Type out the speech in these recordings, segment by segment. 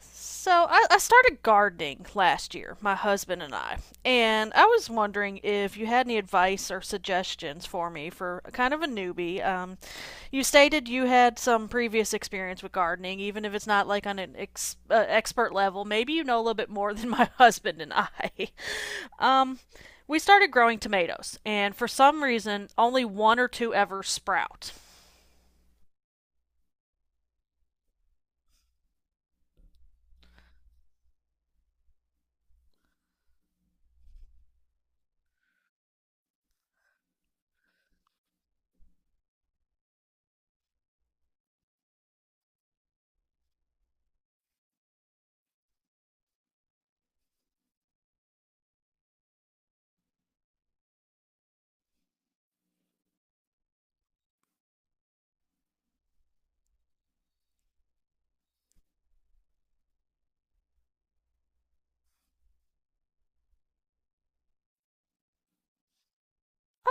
So I started gardening last year, my husband and I was wondering if you had any advice or suggestions for me for a kind of a newbie. You stated you had some previous experience with gardening, even if it's not like on an expert level. Maybe you know a little bit more than my husband and I. Um, we started growing tomatoes, and for some reason, only one or two ever sprout.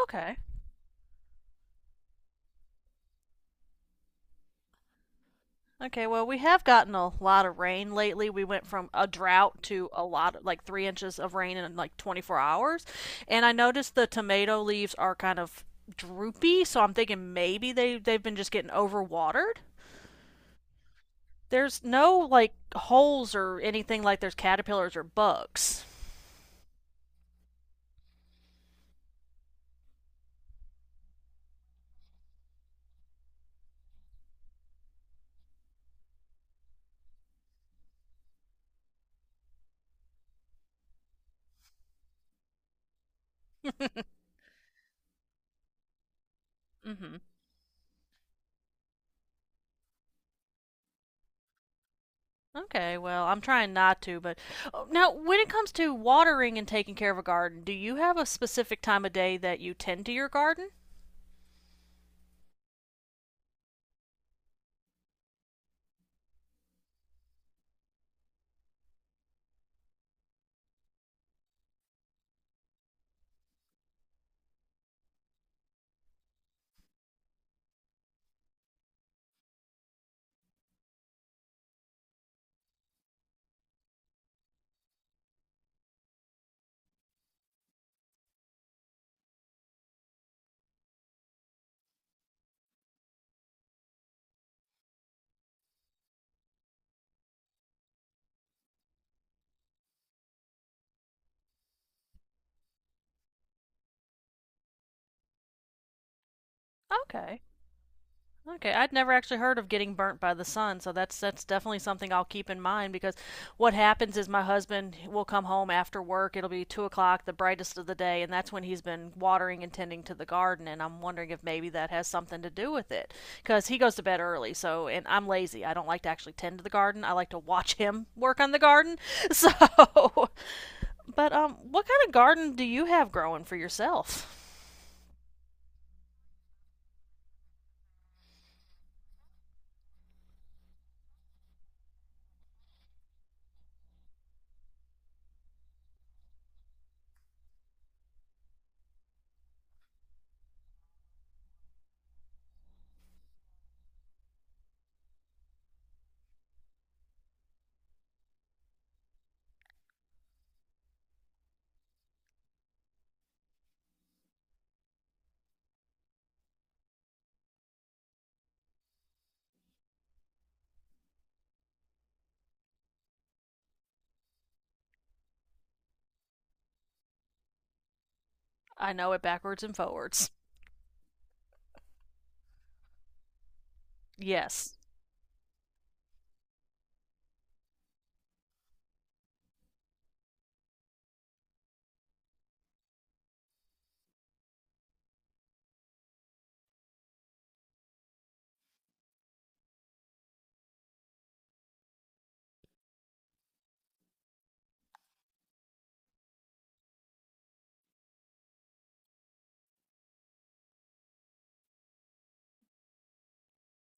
Okay. Okay, well, we have gotten a lot of rain lately. We went from a drought to a lot of, like 3 inches of rain in like 24 hours. And I noticed the tomato leaves are kind of droopy, so I'm thinking maybe they've been just getting overwatered. There's no like holes or anything like there's caterpillars or bugs. Hmm. Okay, well, I'm trying not to, but oh, now when it comes to watering and taking care of a garden, do you have a specific time of day that you tend to your garden? Okay. Okay, I'd never actually heard of getting burnt by the sun, so that's definitely something I'll keep in mind because what happens is my husband will come home after work. It'll be 2 o'clock, the brightest of the day, and that's when he's been watering and tending to the garden. And I'm wondering if maybe that has something to do with it because he goes to bed early. So, and I'm lazy. I don't like to actually tend to the garden. I like to watch him work on the garden. So, but what kind of garden do you have growing for yourself? I know it backwards and forwards. Yes.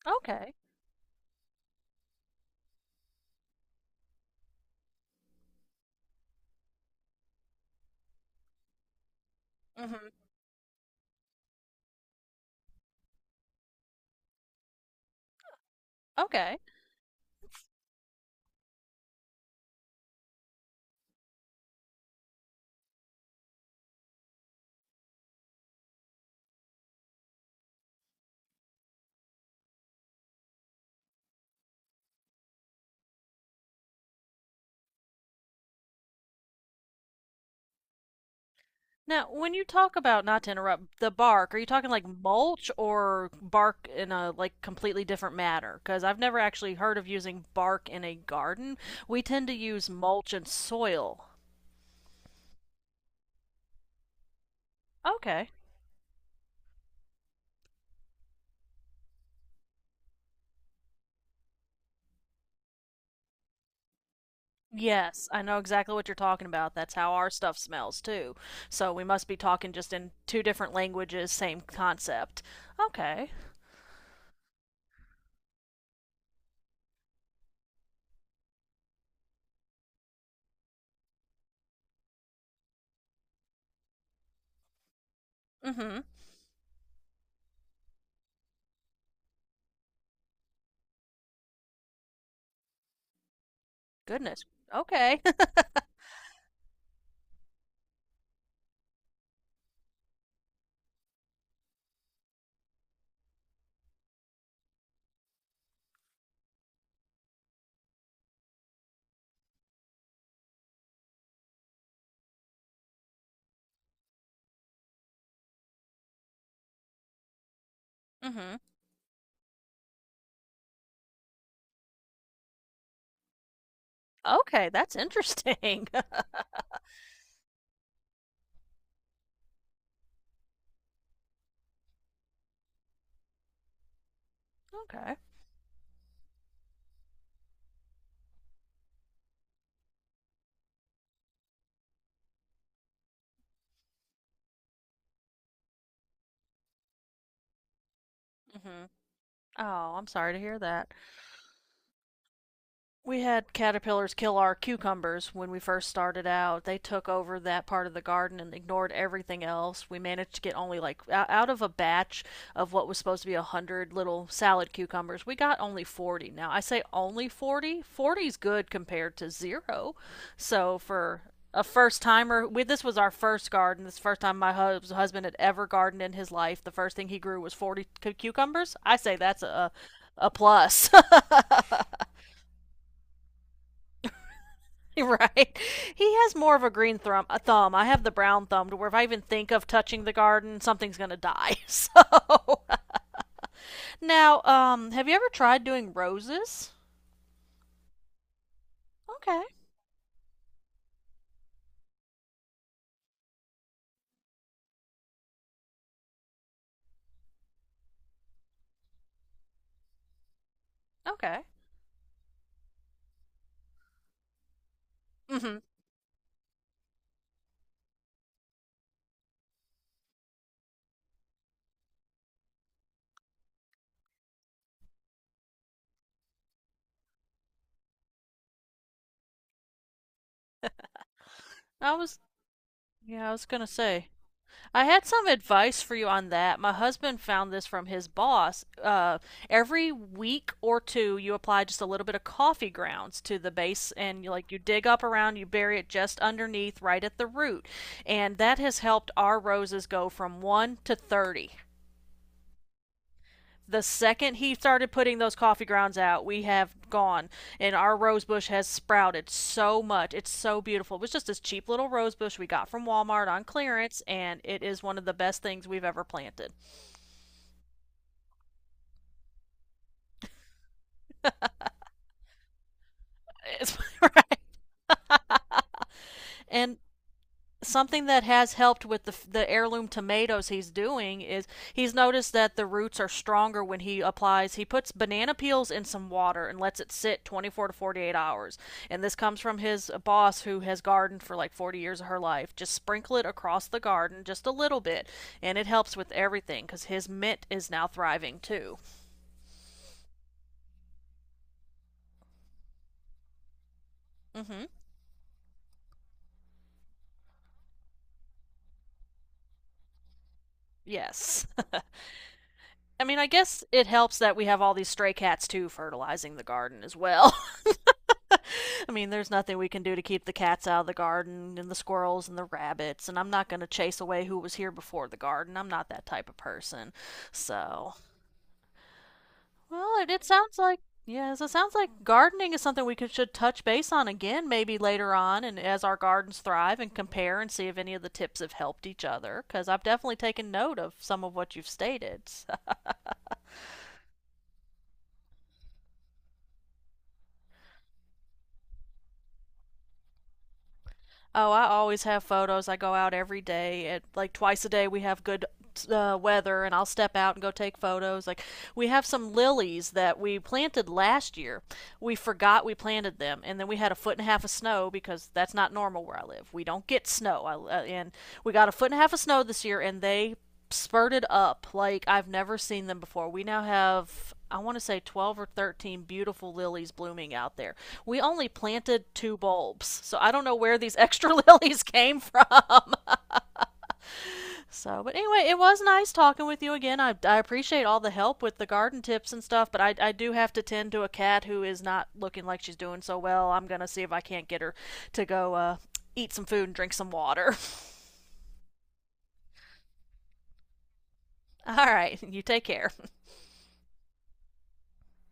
Okay. Mm hmm. Okay. Now, when you talk about, not to interrupt, the bark, are you talking like mulch or bark in a like completely different matter? Because I've never actually heard of using bark in a garden. We tend to use mulch and soil. Okay. Yes, I know exactly what you're talking about. That's how our stuff smells too. So we must be talking just in two different languages, same concept. Okay. Mm-hmm. Goodness. Okay. Mm-hmm. Okay, that's interesting. Okay. Mm-hmm. Oh, I'm sorry to hear that. We had caterpillars kill our cucumbers when we first started out. They took over that part of the garden and ignored everything else. We managed to get only like out of a batch of what was supposed to be a 100 little salad cucumbers, we got only 40. Now, I say only 40. 40 is good compared to zero. So for a first timer. We This was our first garden. This first time my husband had ever gardened in his life. The first thing he grew was cucumbers. I say that's a plus. Right. He has more of a green thumb. A thumb. I have the brown thumb to where if I even think of touching the garden, something's gonna die. So, now, have you ever tried doing roses? Okay. Okay. Mhm. I was Yeah, I was gonna say. I had some advice for you on that. My husband found this from his boss. Every week or two, you apply just a little bit of coffee grounds to the base, and you dig up around, you bury it just underneath, right at the root, and that has helped our roses go from 1 to 30. The second he started putting those coffee grounds out, we have gone, and our rose bush has sprouted so much. It's so beautiful. It was just this cheap little rose bush we got from Walmart on clearance, and it is one of the best things we've ever planted. It's, right. And something that has helped with the heirloom tomatoes he's doing is he's noticed that the roots are stronger when he puts banana peels in some water and lets it sit 24 to 48 hours, and this comes from his boss who has gardened for like 40 years of her life. Just sprinkle it across the garden, just a little bit, and it helps with everything because his mint is now thriving too. Mm-hmm. Yes, I mean, I guess it helps that we have all these stray cats too, fertilizing the garden as well. I mean, there's nothing we can do to keep the cats out of the garden and the squirrels and the rabbits, and I'm not going to chase away who was here before the garden. I'm not that type of person. So, well, it sounds like, yes, it sounds like gardening is something we should touch base on again maybe later on, and as our gardens thrive and compare and see if any of the tips have helped each other, because I've definitely taken note of some of what you've stated. Oh, I always have photos. I go out every day. Like twice a day, we have good weather, and I'll step out and go take photos. Like we have some lilies that we planted last year. We forgot we planted them, and then we had a foot and a half of snow because that's not normal where I live. We don't get snow, and we got a foot and a half of snow this year, and they spurted up like I've never seen them before. We now have, I want to say, 12 or 13 beautiful lilies blooming out there. We only planted two bulbs, so I don't know where these extra lilies came from. So, but anyway, it was nice talking with you again. I appreciate all the help with the garden tips and stuff, but I do have to tend to a cat who is not looking like she's doing so well. I'm going to see if I can't get her to go eat some food and drink some water. All right, you take care.